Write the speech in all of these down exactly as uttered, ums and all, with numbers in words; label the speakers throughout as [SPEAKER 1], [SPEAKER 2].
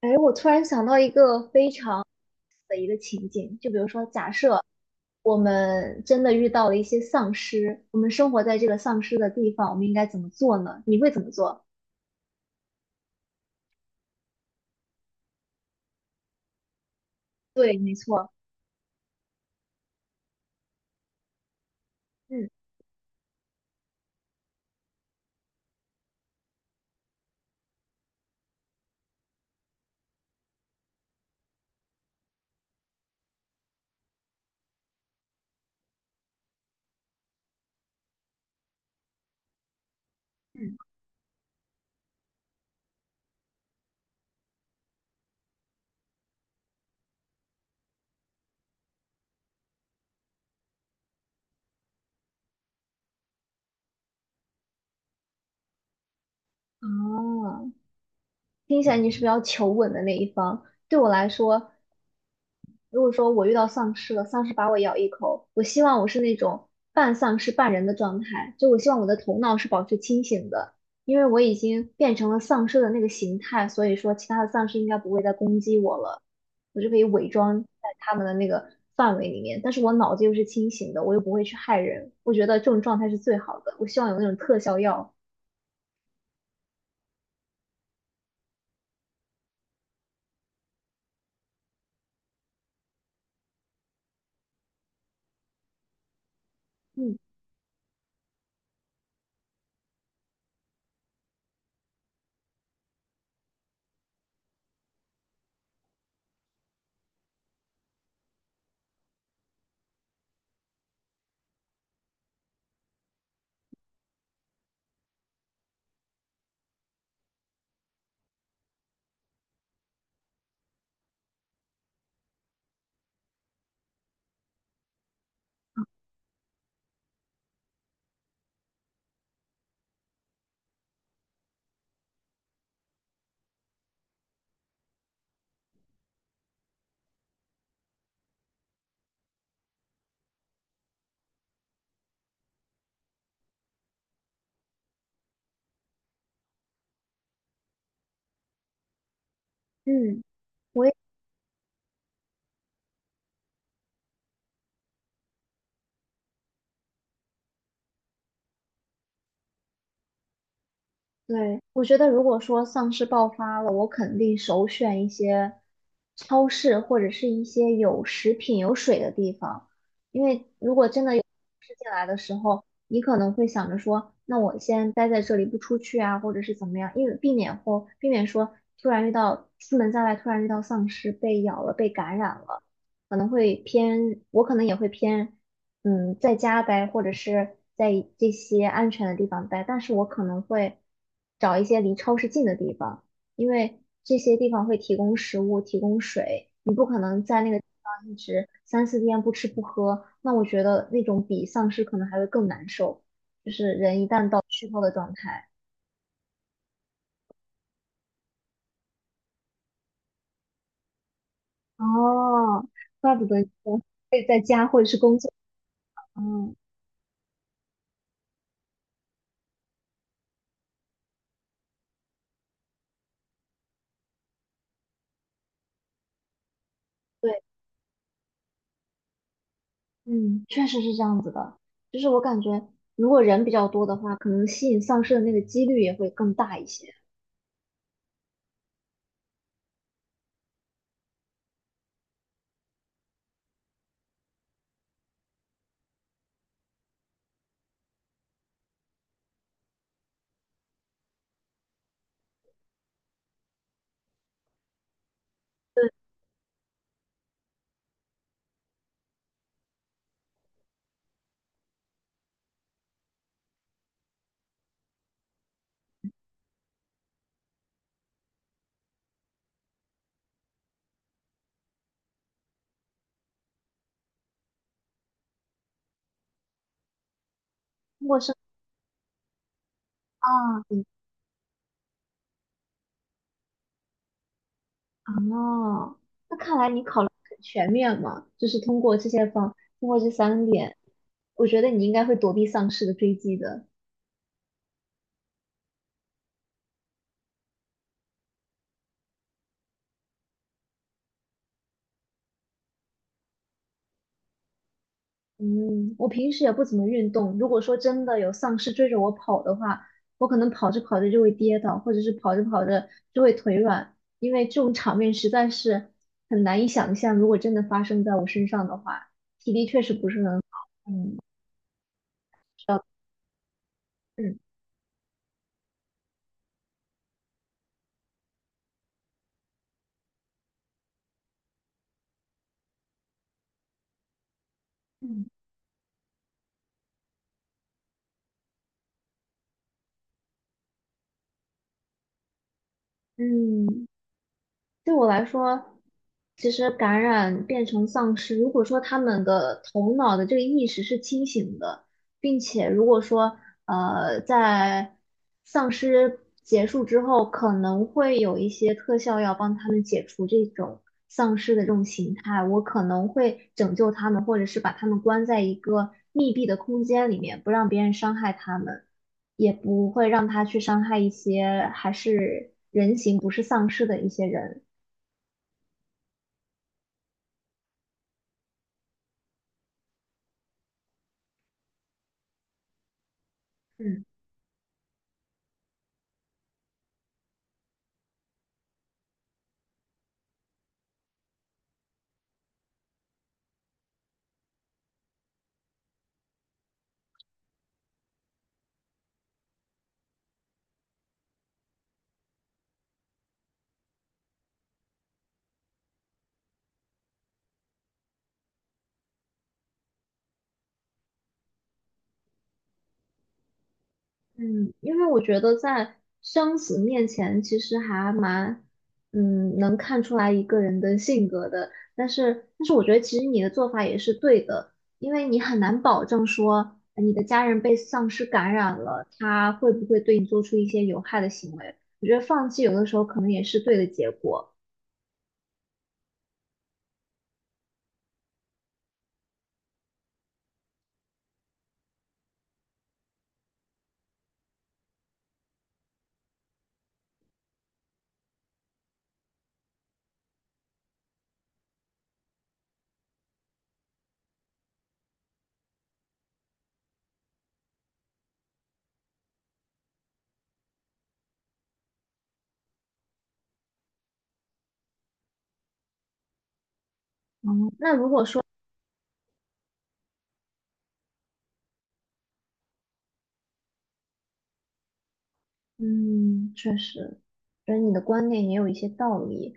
[SPEAKER 1] 哎，我突然想到一个非常的一个情景，就比如说，假设我们真的遇到了一些丧尸，我们生活在这个丧尸的地方，我们应该怎么做呢？你会怎么做？对，没错。嗯嗯。哦，听起来你是比较求稳的那一方。对我来说，如果说我遇到丧尸了，丧尸把我咬一口，我希望我是那种半丧尸半人的状态，就我希望我的头脑是保持清醒的，因为我已经变成了丧尸的那个形态，所以说其他的丧尸应该不会再攻击我了，我就可以伪装在他们的那个范围里面，但是我脑子又是清醒的，我又不会去害人，我觉得这种状态是最好的，我希望有那种特效药。嗯嗯。我也。对，我觉得如果说丧尸爆发了，我肯定首选一些超市或者是一些有食品、有水的地方，因为如果真的有吃进来的时候，你可能会想着说，那我先待在这里不出去啊，或者是怎么样，因为避免或避免说突然遇到出门在外突然遇到丧尸被咬了、被感染了，可能会偏，我可能也会偏。嗯，在家待，或者是在这些安全的地方待，但是我可能会找一些离超市近的地方，因为这些地方会提供食物、提供水，你不可能在那个地方一直三四天不吃不喝，那我觉得那种比丧尸可能还会更难受，就是人一旦到虚脱的状态。哦，怪不得你说会在家或者是工作。嗯，对。嗯，确实是这样子的，就是我感觉如果人比较多的话，可能吸引丧尸的那个几率也会更大一些。对，通过生啊，嗯啊，那看来你考虑得很全面嘛，就是通过这些方，通过这三点，我觉得你应该会躲避丧尸的追击的。嗯，我平时也不怎么运动。如果说真的有丧尸追着我跑的话，我可能跑着跑着就会跌倒，或者是跑着跑着就会腿软，因为这种场面实在是很难以想象。如果真的发生在我身上的话，体力确实不是很好。嗯嗯。嗯，对我来说，其实感染变成丧尸，如果说他们的头脑的这个意识是清醒的，并且如果说呃在丧尸结束之后，可能会有一些特效药帮他们解除这种丧尸的这种形态，我可能会拯救他们，或者是把他们关在一个密闭的空间里面，不让别人伤害他们。也不会让他去伤害一些还是人形不是丧尸的一些人。嗯嗯，因为我觉得在生死面前，其实还蛮，嗯，能看出来一个人的性格的。但是，但是我觉得其实你的做法也是对的，因为你很难保证说呃你的家人被丧尸感染了，他会不会对你做出一些有害的行为。我觉得放弃有的时候可能也是对的结果。嗯，那如果说。嗯，确实，觉得你的观点也有一些道理。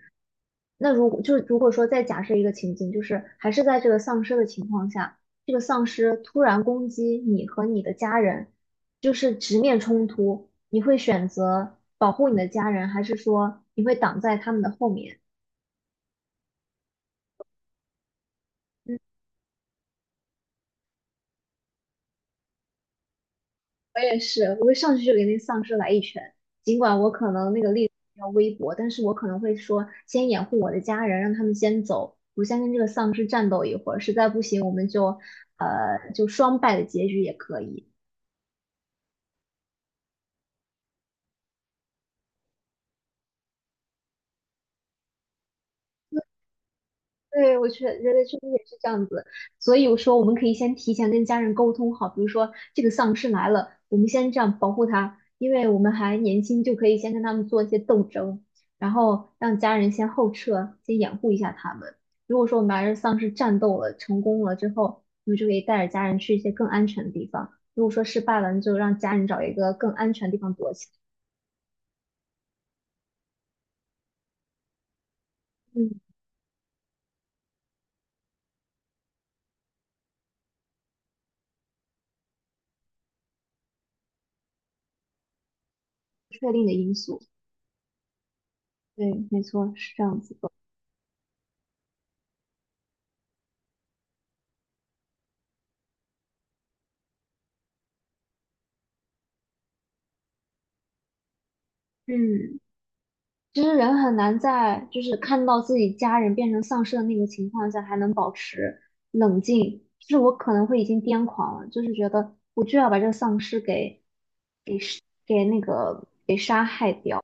[SPEAKER 1] 那如果就如果说再假设一个情景，就是还是在这个丧尸的情况下，这个丧尸突然攻击你和你的家人，就是直面冲突，你会选择保护你的家人，还是说你会挡在他们的后面？嗯，我也是，我会上去就给那丧尸来一拳，尽管我可能那个力量比较微薄，但是我可能会说先掩护我的家人，让他们先走，我先跟这个丧尸战斗一会儿，实在不行我们就呃就双败的结局也可以。对，我觉得人类确实也是这样子，所以我说我们可以先提前跟家人沟通好，比如说这个丧尸来了，我们先这样保护它，因为我们还年轻，就可以先跟他们做一些斗争，然后让家人先后撤，先掩护一下他们。如果说我们还是丧尸战斗了，成功了之后，我们就可以带着家人去一些更安全的地方；如果说失败了，那就让家人找一个更安全的地方躲起来。嗯，不确定的因素。对，没错，是这样子的。嗯。其实人很难在就是看到自己家人变成丧尸的那个情况下，还能保持冷静。就是我可能会已经癫狂了，就是觉得我就要把这个丧尸给给杀给那个给杀害掉。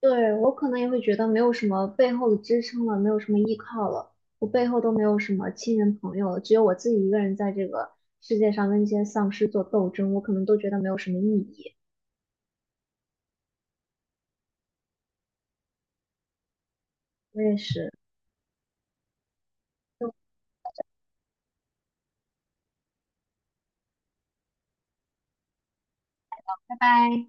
[SPEAKER 1] 对，我可能也会觉得没有什么背后的支撑了，没有什么依靠了，我背后都没有什么亲人朋友了，只有我自己一个人在这个世界上跟这些丧尸做斗争，我可能都觉得没有什么意义。我也是，就拜拜。